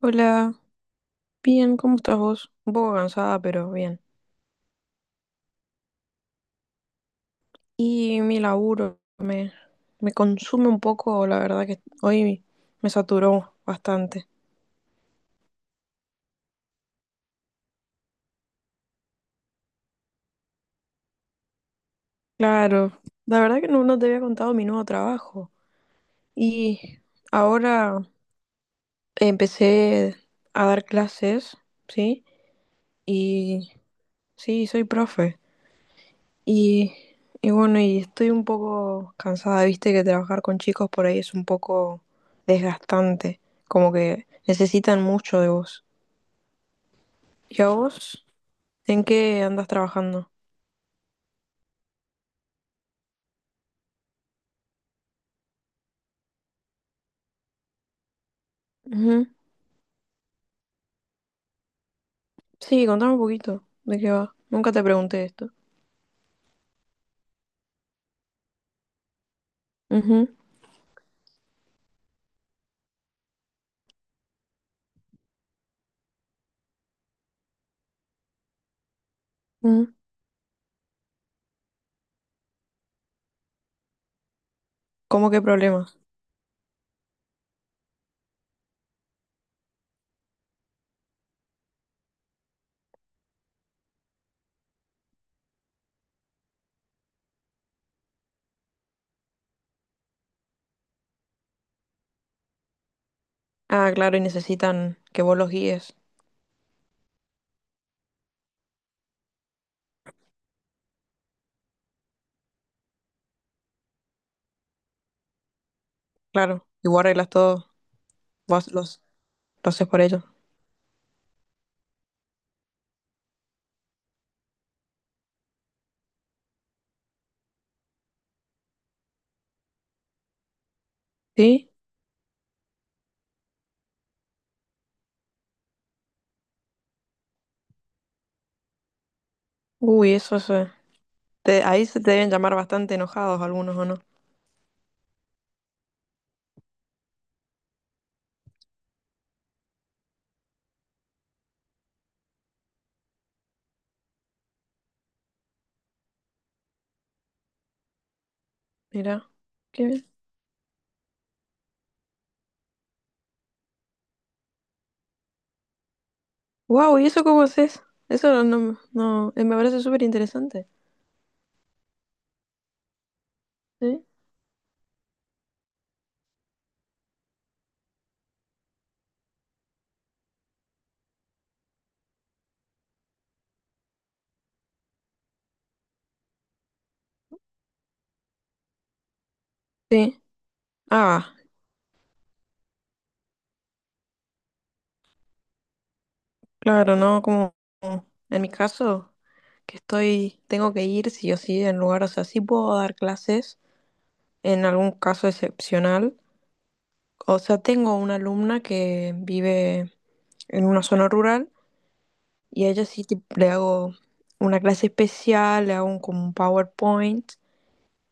Hola, bien, ¿cómo estás vos? Un poco cansada, pero bien. Y mi laburo me consume un poco, la verdad que hoy me saturó bastante. Claro, la verdad que no te había contado mi nuevo trabajo. Y ahora empecé a dar clases, ¿sí? Y sí, soy profe. Y, y bueno, y estoy un poco cansada, viste que trabajar con chicos por ahí es un poco desgastante, como que necesitan mucho de vos. ¿Y a vos? ¿En qué andas trabajando? Ujú. Sí, contame un poquito de qué va. Nunca te pregunté esto. Ujú, ujú. ¿Cómo qué problemas? Ah, claro, y necesitan que vos los guíes. Claro, y vos arreglas todo, vos los, lo haces por ellos. ¿Sí? Uy, eso es... ahí se te deben llamar bastante enojados algunos, ¿o no? Mira, qué bien. Wow, ¿y eso cómo haces? Eso no, me parece súper interesante. ¿Sí? Sí. Ah, claro, no como en mi caso, que tengo que ir sí o sí en lugar, o sea, sí puedo dar clases en algún caso excepcional. O sea, tengo una alumna que vive en una zona rural y a ella le hago una clase especial, le hago como un PowerPoint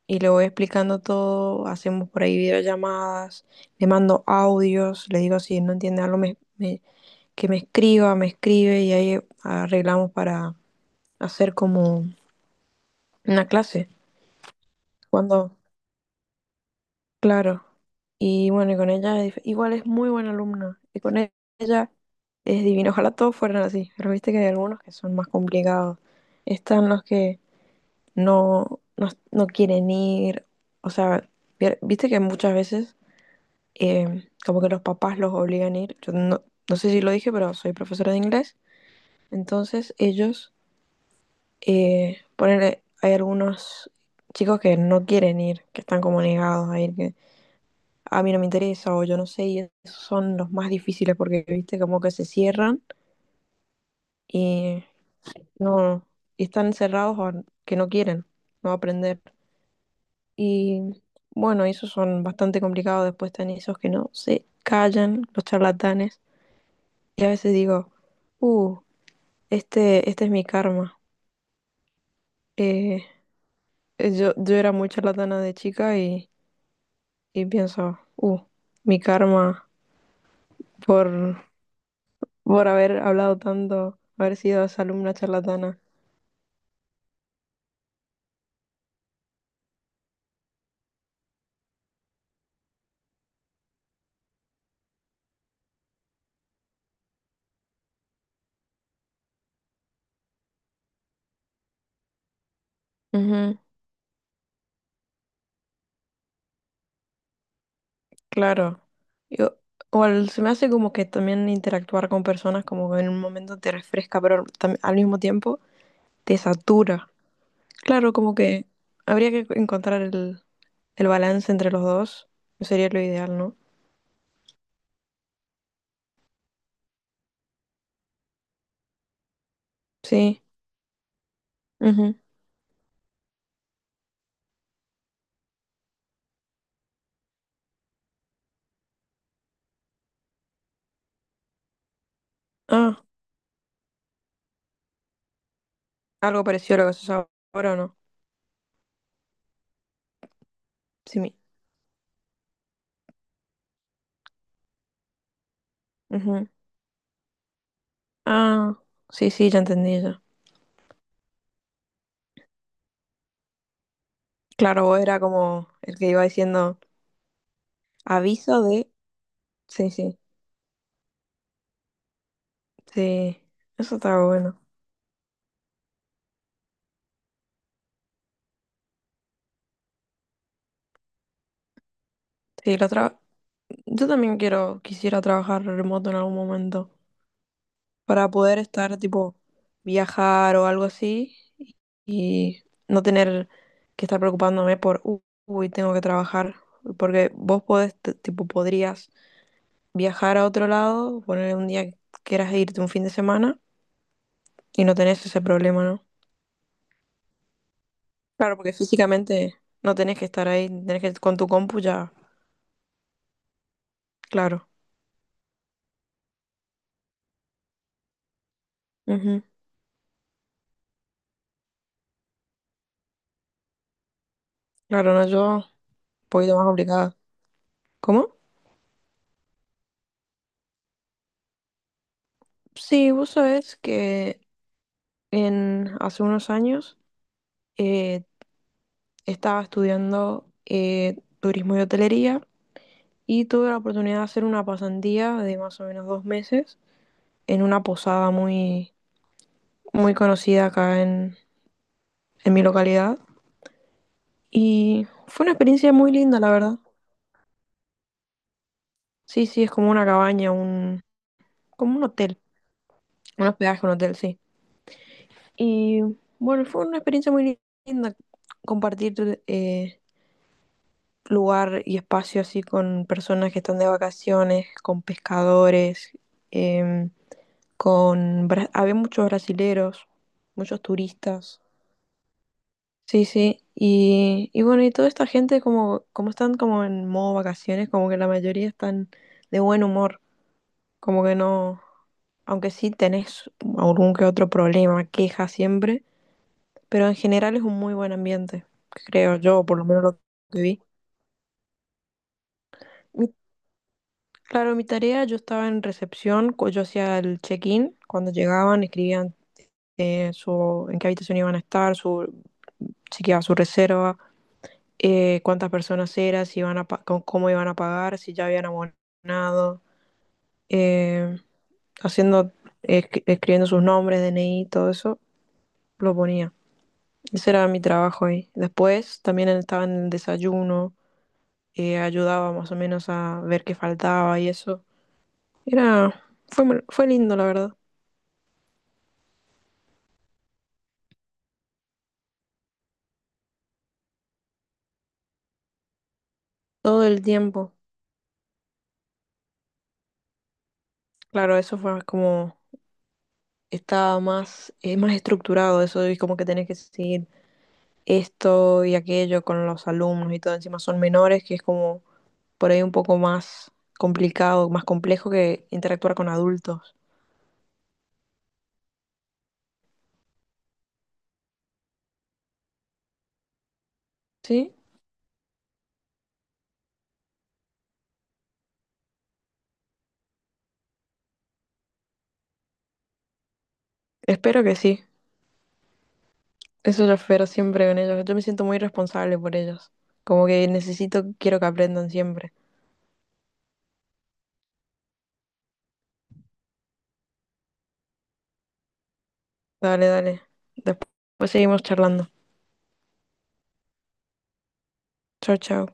y le voy explicando todo, hacemos por ahí videollamadas, le mando audios, le digo si no entiende algo que me escriba, me escribe y ahí arreglamos para hacer como una clase. Cuando, claro. Y bueno, y con ella igual es muy buena alumna y ella es divino. Ojalá todos fueran así, pero viste que hay algunos que son más complicados. Están los que no quieren ir, o sea, viste que muchas veces como que los papás los obligan a ir. Yo no, no sé si lo dije, pero soy profesora de inglés. Entonces ellos, ponele, hay algunos chicos que no quieren ir, que están como negados a ir, que a mí no me interesa o yo no sé, y esos son los más difíciles porque, viste, como que se cierran y no, y están cerrados a que no quieren, no aprender. Y bueno, esos son bastante complicados, después están esos que no se callan, los charlatanes. Y a veces digo, uh, este es mi karma. Eh, yo era muy charlatana de chica y pienso, mi karma por, por haber hablado tanto, haber sido esa alumna charlatana. Ujú, claro. Yo- Se me hace como que también interactuar con personas como que en un momento te refresca, pero al mismo tiempo te satura. Claro, como que habría que encontrar el balance entre los dos. Sería lo ideal, ¿no? Sí. Ujú. Ah, algo parecido a lo que se ahora, ¿o no? Sí, mi- Ujú. Ah, sí, sí, ya entendí ya. Claro, vos era como el que iba diciendo aviso de... Sí, sí, sí, eso estaba bueno. Sí, la otra... Yo también quisiera trabajar remoto en algún momento para poder estar, tipo, viajar o algo así y no tener que estar preocupándome por, uy, tengo que trabajar", porque vos podés, tipo, podrías... viajar a otro lado, poner un día que quieras irte un fin de semana y no tenés ese problema, ¿no? Claro, porque físicamente no tenés que estar ahí, tenés que con tu compu ya, claro. Ujú. Claro, no, yo un poquito más complicada. ¿Cómo? Sí, vos sabés que hace unos años eh, estaba estudiando turismo y hotelería y tuve la oportunidad de hacer una pasantía de más o menos dos meses en una posada muy conocida acá en mi localidad. Y fue una experiencia muy linda, la verdad. Sí, sí, es como una cabaña, como un hotel, un hospedaje, un hotel, sí. Y bueno, fue una experiencia muy linda compartir eh, lugar y espacio así con personas que están de vacaciones, con pescadores, em, con... Había muchos brasileros, muchos turistas. Sí, sí, y bueno, y toda esta gente como están como en modo vacaciones, como que la mayoría están de buen humor. Como que no, aunque sí tenés algún que otro problema, queja siempre, pero en general es un muy buen ambiente, creo yo, por lo menos lo que vi. Mi- claro, mi tarea, yo estaba en recepción, yo hacía el check-in, cuando llegaban escribían en qué habitación iban a estar, su, si quedaba su reserva, cuántas personas eran, si iban a pa- cómo, cómo iban a pagar, si ya habían abonado, eh, haciendo, escribiendo sus nombres, DNI, todo eso, lo ponía. Ese era mi trabajo ahí. Después también estaba en el desayuno, ayudaba más o menos a ver qué faltaba y eso. Era, Fue lindo, la verdad. Todo el tiempo. Claro, eso fue como, estaba más estructurado eso y como que tenés que seguir esto y aquello con los alumnos y todo. Encima son menores, que es como por ahí un poco más complicado, más complejo que interactuar con adultos. ¿Sí? Espero que sí. Eso es lo espero siempre con ellos. Yo me siento muy responsable por ellos. Como que necesito, quiero que aprendan siempre. Dale, dale. Después seguimos charlando. Chao, chao.